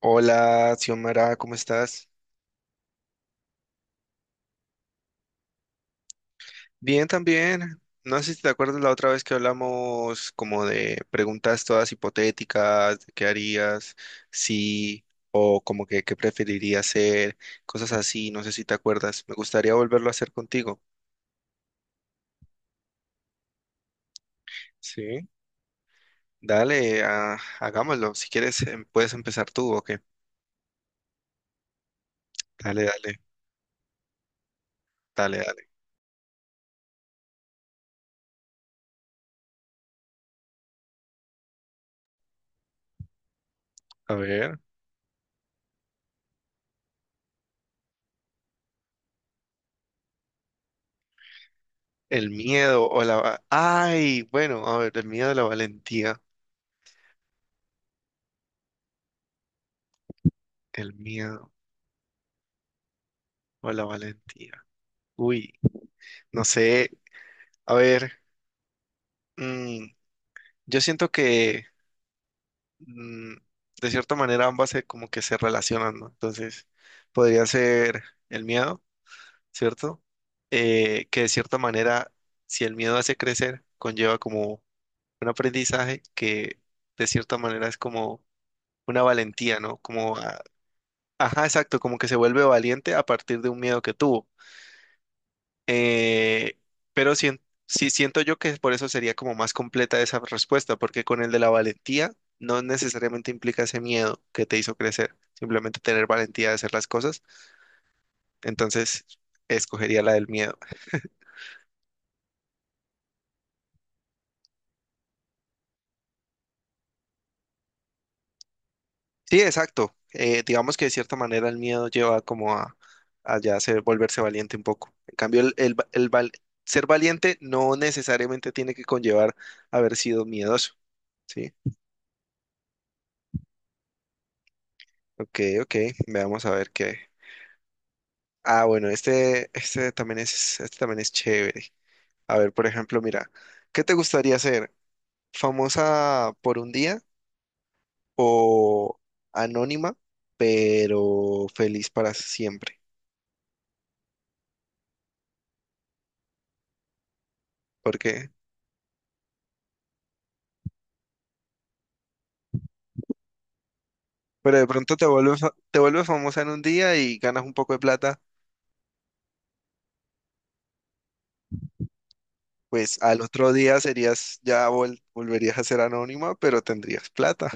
Hola, Xiomara, ¿cómo estás? Bien, también. No sé si te acuerdas la otra vez que hablamos como de preguntas todas hipotéticas, de qué harías, sí, o como que qué preferirías hacer, cosas así, no sé si te acuerdas. Me gustaría volverlo a hacer contigo. Sí. Dale, hagámoslo. Si quieres, puedes empezar tú, ¿o qué? Dale, dale, dale, dale. A ver. El miedo o ay, bueno, a ver, el miedo o la valentía. El miedo o la valentía. Uy, no sé, a ver, mm, yo siento que mm, de cierta manera como que se relacionan, ¿no? Entonces, podría ser el miedo, ¿cierto? Que de cierta manera, si el miedo hace crecer, conlleva como un aprendizaje que de cierta manera es como una valentía, ¿no? Ajá, exacto, como que se vuelve valiente a partir de un miedo que tuvo. Eh, pero sien- sí siento yo que por eso sería como más completa esa respuesta, porque con el de la valentía no necesariamente implica ese miedo que te hizo crecer, simplemente tener valentía de hacer las cosas. Entonces, escogería la del miedo. Sí, exacto. Digamos que de cierta manera el miedo lleva como a ya volverse valiente un poco. En cambio, el va- el val- ser valiente no necesariamente tiene que conllevar haber sido miedoso. Sí, ok, ok. Veamos a ver qué. Ah, bueno, este también es, chévere. A ver, por ejemplo, mira, ¿qué te gustaría ser? ¿Famosa por un día o anónima, pero feliz para siempre? ¿Por qué? Pero de pronto te vuelves famosa en un día y ganas un poco de plata, pues al otro día serías, volverías a ser anónima, pero tendrías plata.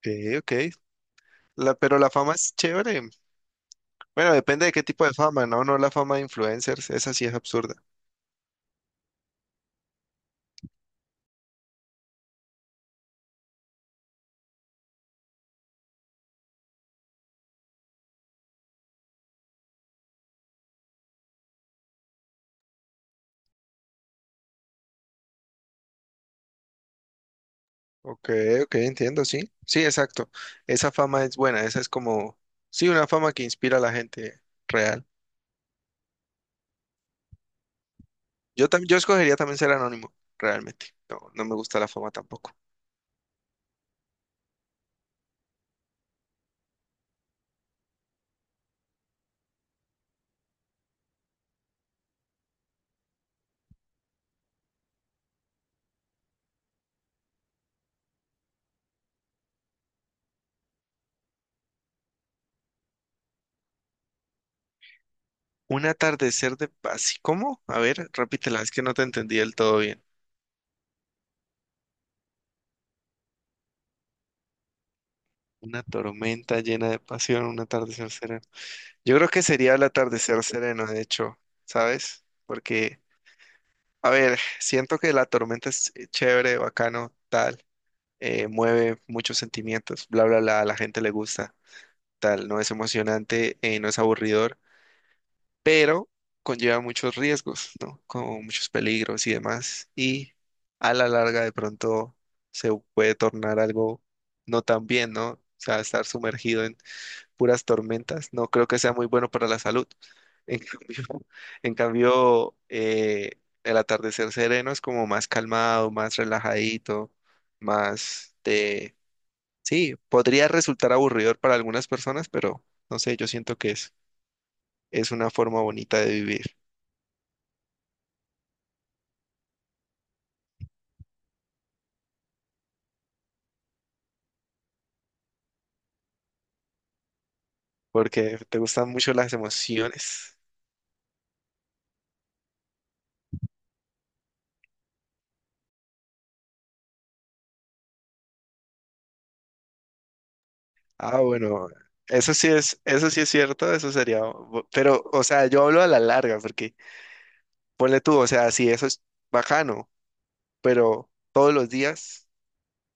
Ok, ok. Pero la fama es chévere. Bueno, depende de qué tipo de fama, ¿no? No la fama de influencers, esa sí es absurda. Ok, ok, entiendo, sí. Sí, exacto. Esa fama es buena, esa es como, sí, una fama que inspira a la gente real. Yo escogería también ser anónimo, realmente. No, no me gusta la fama tampoco. Un atardecer de paz. ¿Cómo? A ver, repítela, es que no te entendí del todo bien. Una tormenta llena de pasión, un atardecer sereno. Yo creo que sería el atardecer sereno, de hecho, ¿sabes? Porque, a ver, siento que la tormenta es chévere, bacano, tal mueve muchos sentimientos, bla, bla, bla, a la gente le gusta, tal, no es emocionante, no es aburridor, pero conlleva muchos riesgos, ¿no? Como muchos peligros y demás, y a la larga de pronto se puede tornar algo no tan bien, ¿no? O sea, estar sumergido en puras tormentas, no creo que sea muy bueno para la salud. En cambio, en cambio el atardecer sereno es como más calmado, más relajadito, más de sí, podría resultar aburridor para algunas personas, pero no sé, yo siento que es una forma bonita de vivir, porque te gustan mucho las emociones. Ah, bueno, eso sí es cierto, eso sería, pero, o sea, yo hablo a la larga, porque ponle tú, o sea, sí, eso es bacano, pero todos los días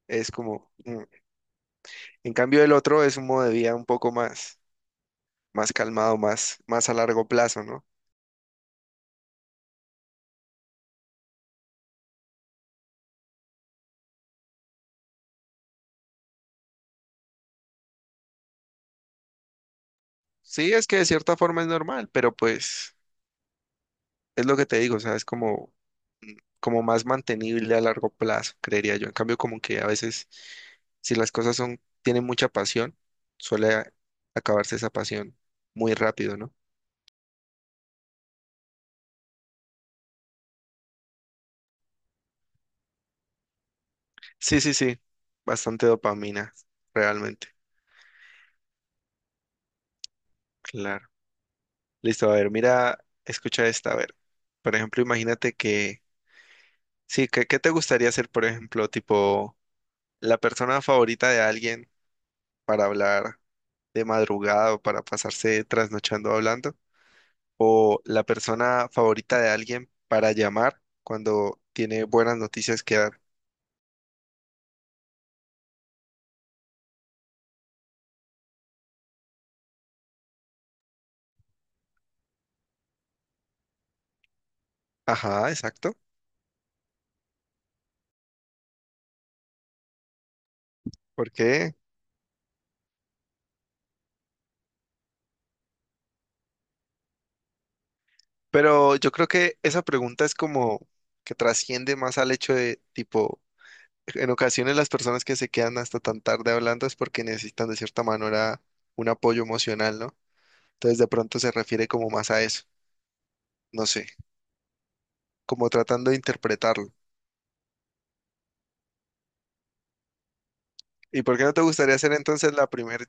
es como, mm. En cambio el otro es un modo de vida un poco más calmado, más a largo plazo, ¿no? Sí, es que de cierta forma es normal, pero pues es lo que te digo, o sea, es como más mantenible a largo plazo, creería yo. En cambio, como que a veces, si tienen mucha pasión, suele acabarse esa pasión muy rápido, ¿no? Sí, sí, sí, bastante dopamina, realmente, claro. Listo, a ver, mira, escucha esta, a ver. Por ejemplo, imagínate que, sí, ¿¿qué te gustaría ser, por ejemplo, tipo, la persona favorita de alguien para hablar de madrugada o para pasarse trasnochando hablando? O la persona favorita de alguien para llamar cuando tiene buenas noticias que dar. Ajá, exacto. ¿Por qué? Pero yo creo que esa pregunta es como que trasciende más al hecho de tipo, en ocasiones las personas que se quedan hasta tan tarde hablando es porque necesitan de cierta manera un apoyo emocional, ¿no? Entonces de pronto se refiere como más a eso, no sé, como tratando de interpretarlo. ¿Y por qué no te gustaría ser entonces la primera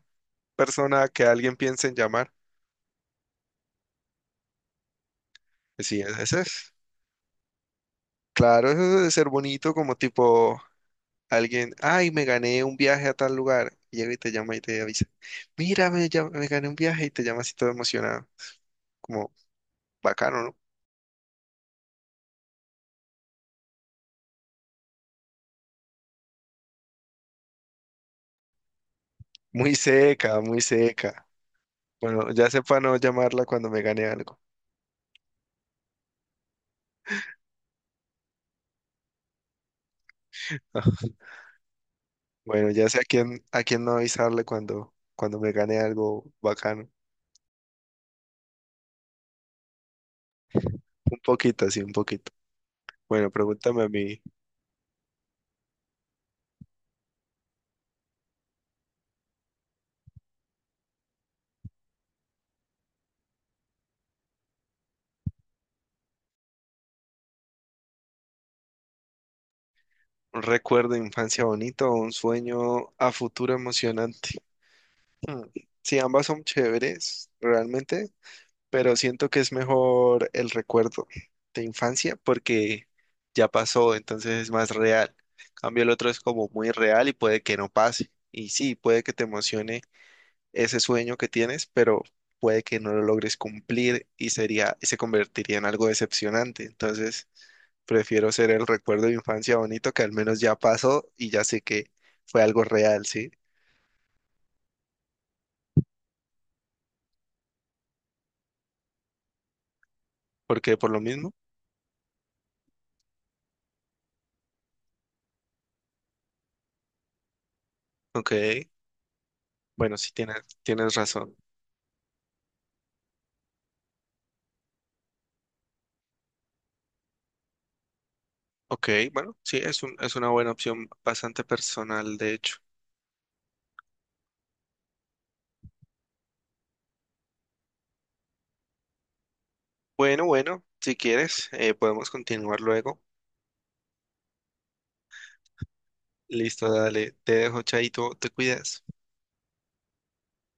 persona que alguien piense en llamar? Pues sí, ese es. Claro, eso debe ser bonito, como tipo alguien, ay, me gané un viaje a tal lugar. Y llega y te llama y te avisa, mira, me gané un viaje y te llama así todo emocionado. Como bacano, ¿no? Muy seca, muy seca. Bueno, ya sé para no llamarla cuando me gane algo. Bueno, ya sé a quién no avisarle cuando me gane algo bacano. Un poquito, así, un poquito. Bueno, pregúntame a mí, ¿un recuerdo de infancia bonito o un sueño a futuro emocionante? Mm, sí, ambas son chéveres, realmente, pero siento que es mejor el recuerdo de infancia porque ya pasó, entonces es más real. Cambio, el otro es como muy real y puede que no pase. Y sí, puede que te emocione ese sueño que tienes, pero puede que no lo logres cumplir y se convertiría en algo decepcionante. Entonces, prefiero ser el recuerdo de infancia bonito que al menos ya pasó y ya sé que fue algo real, ¿sí? Porque por lo mismo, ok. Bueno, sí tienes razón. Ok, bueno, sí, es una buena opción bastante personal, de hecho. Bueno, bueno, si quieres, podemos continuar luego. Listo, dale, te dejo, Chaito, te cuidas.